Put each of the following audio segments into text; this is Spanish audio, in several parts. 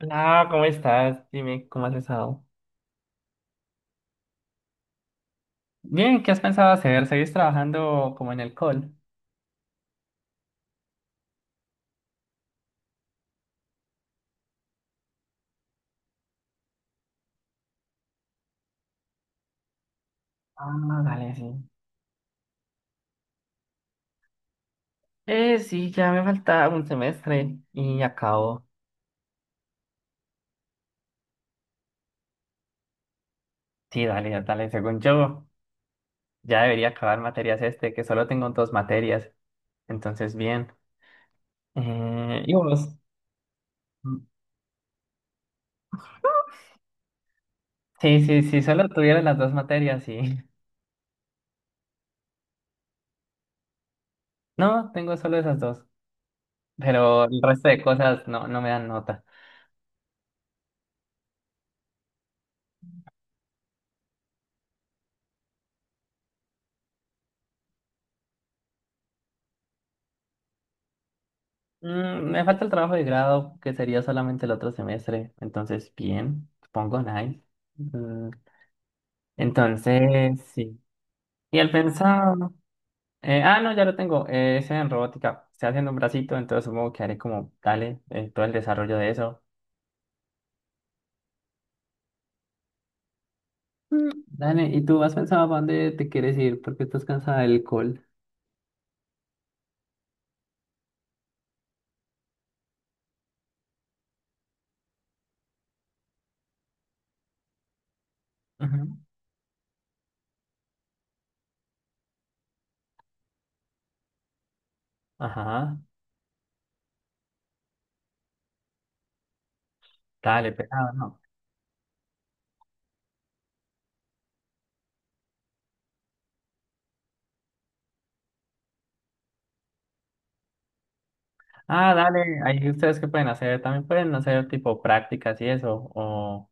Hola, ¿cómo estás? Dime, ¿cómo has estado? Bien, ¿qué has pensado hacer? ¿Seguís trabajando como en el call? Ah, dale, sí. Sí, ya me falta un semestre y acabo. Sí, dale, ya dale. Según yo, ya debería acabar materias este, que solo tengo dos materias. Entonces, bien. ¿Y vos? Mm. Sí, solo tuviera las dos materias, sí. No, tengo solo esas dos. Pero el resto de cosas no me dan nota. Mm, me falta el trabajo de grado, que sería solamente el otro semestre. Entonces, bien, supongo, nice. Mm, entonces, sí. Y al pensar no, ya lo tengo. Es en robótica. Estoy haciendo un bracito, entonces supongo que haré como, dale, todo el desarrollo de eso. Dale, ¿y tú has pensado para dónde te quieres ir? Porque estás cansada del alcohol. Ujú. Ajá, dale, pegado, no. Ah, dale, ahí ustedes qué pueden hacer, también pueden hacer tipo prácticas y eso, o...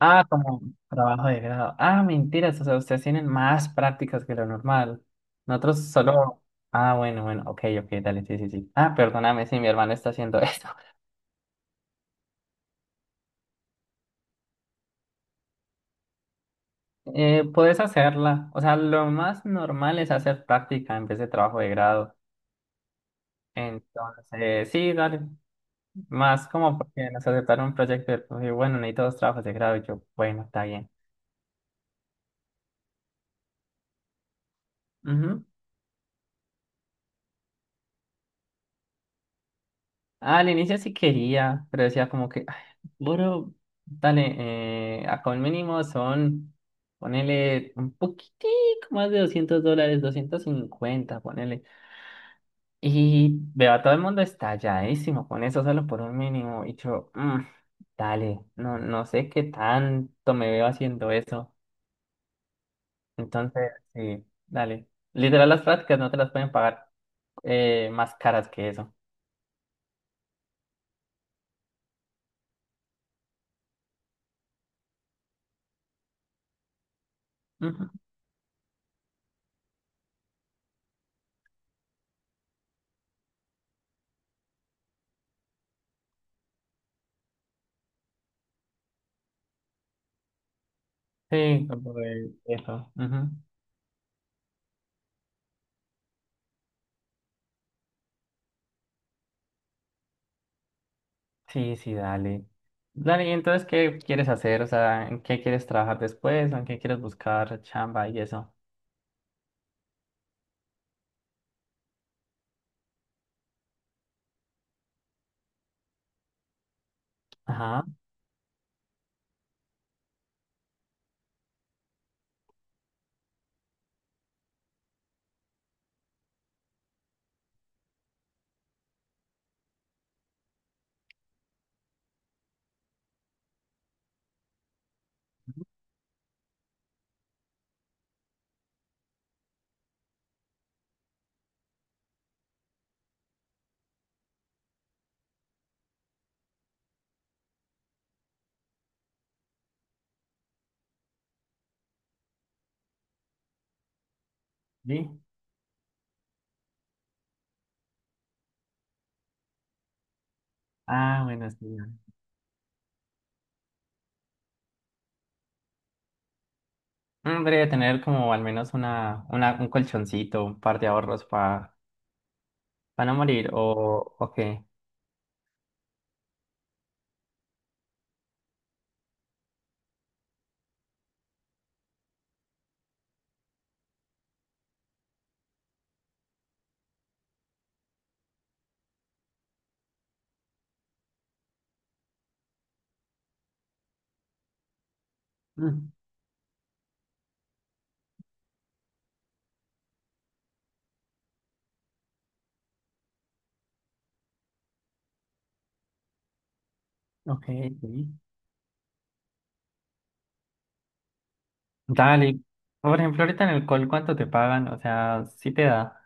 Ah, como trabajo de grado. Ah, mentiras, o sea, ustedes tienen más prácticas que lo normal. Nosotros solo... Ah, bueno, bueno, ok, ok, dale, sí. Ah, perdóname si mi hermano está haciendo esto. Puedes hacerla. O sea, lo más normal es hacer práctica en vez de trabajo de grado. Entonces, sí, dale. Más como porque nos aceptaron un proyecto y bueno, necesito dos trabajos de grado. Y yo, bueno, está bien. Ujú. Ah, al inicio sí quería, pero decía como que, "Ay, bro, dale, acá un mínimo son, ponele un poquitico más de $200, 250 ponele." Y veo a todo el mundo estalladísimo con eso solo por un mínimo. Y yo, "Mm, dale, no sé qué tanto me veo haciendo eso." Entonces, sí, dale. Literal, las prácticas no te las pueden pagar más caras que eso. Ujú. Sí, por eso. Ujú. Sí, sí, dale. Dale, ¿y entonces qué quieres hacer? O sea, ¿en qué quieres trabajar después? ¿O en qué quieres buscar chamba y eso? Ajá. Sí. Ah, bueno, sí, dale. Debería tener como al menos un colchoncito, un par de ahorros para no morir, o qué. Mm, ok, sí. Dale. Por ejemplo, ahorita en el call, ¿cuánto te pagan? O sea, sí te da.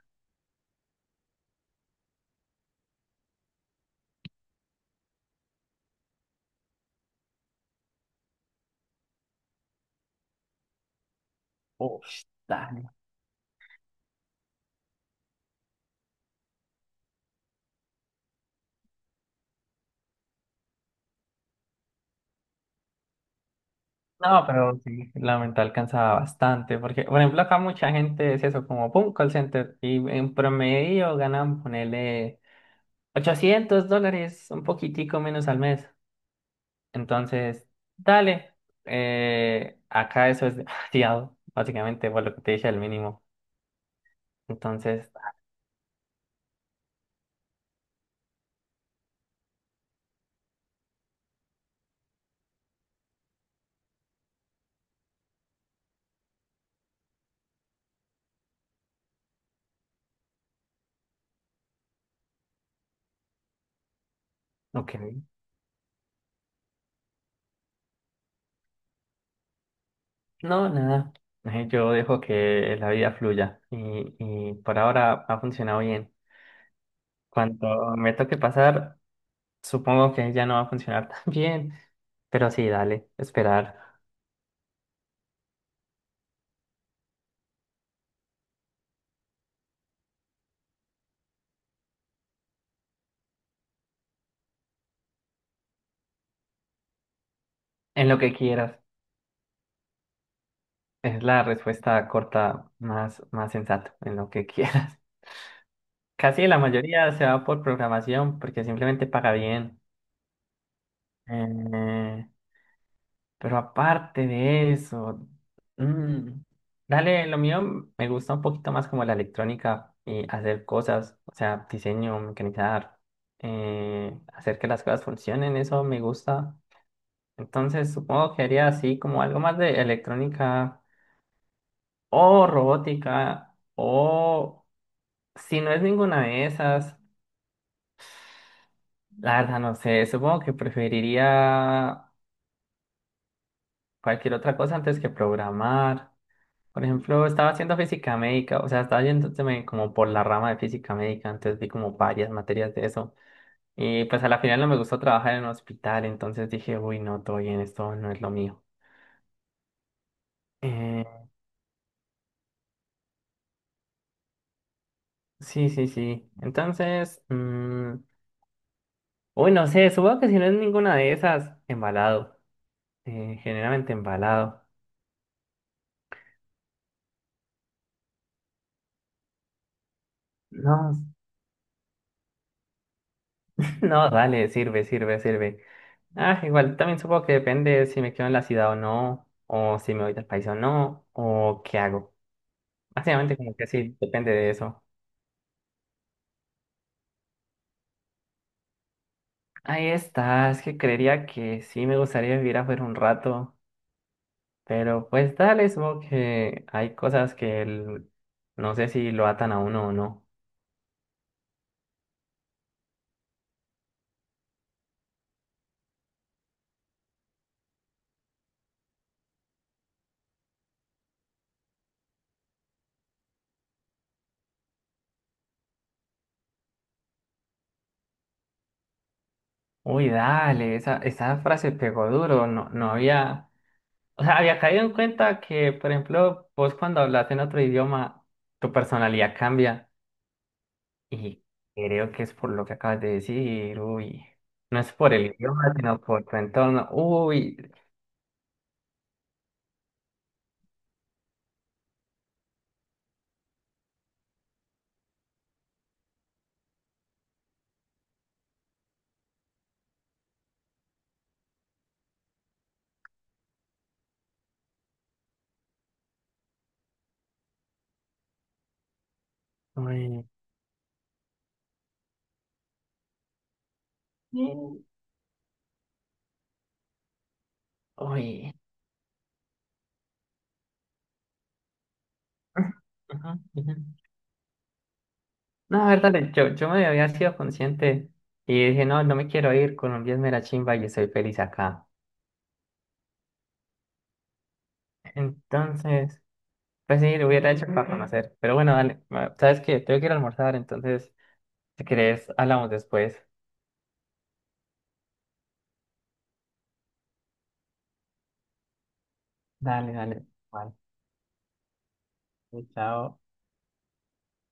Uf, dale. No, pero sí, la mental cansaba bastante, porque, por ejemplo, acá mucha gente es eso, como, pum, call center, y en promedio ganan, ponele, $800, un poquitico menos al mes. Entonces, dale, acá eso es demasiado, básicamente, por lo que te dije, el mínimo. Entonces, ok, no, nada, yo dejo que la vida fluya, y por ahora ha funcionado bien. Cuando me toque pasar... Supongo que ya no va a funcionar tan bien, pero sí, dale, esperar en lo que quieras. Es la respuesta corta más, más sensata, en lo que quieras. Casi la mayoría se va por programación porque simplemente paga bien. Eh, pero aparte de eso, mm, dale, lo mío me gusta un poquito más como la electrónica y hacer cosas, o sea, diseño, mecanizar, hacer que las cosas funcionen, eso me gusta. Entonces supongo que haría así como algo más de electrónica o robótica o si no es ninguna de esas, la verdad no sé, supongo que preferiría cualquier otra cosa antes que programar. Por ejemplo, estaba haciendo física médica, o sea, estaba yéndome como por la rama de física médica, entonces vi como varias materias de eso. Y pues a la final no me gustó trabajar en un hospital, entonces dije, uy, no, todo bien, esto no es lo mío. Eh, Sí, sí, sí. Entonces, uy, no sé, supongo que si no es ninguna de esas, embalado. Generalmente embalado. No, no, dale, sirve, sirve, sirve. Ah, igual también supongo que depende si me quedo en la ciudad o no, o si me voy del país o no, o qué hago. Básicamente como que sí, depende de eso. Ahí está, es que creería que sí me gustaría vivir afuera un rato, pero pues dale, supongo que hay cosas que no sé si lo atan a uno o no. Uy, dale, esa frase pegó duro, no había, o sea, había caído en cuenta que, por ejemplo, vos cuando hablas en otro idioma, tu personalidad cambia y creo que es por lo que acabas de decir, uy, no es por el idioma, sino por tu entorno, uy, mm, uy. Ujú, ujú. No, a ver, dale, yo me había sido consciente y dije, no me quiero ir, Colombia es mera chimba y estoy feliz acá. Entonces... Pues sí, lo hubiera hecho para conocer. Pero bueno, dale. ¿Sabes qué? Tengo que ir a almorzar, entonces, si querés, hablamos después. Dale, dale. Vale. Chao.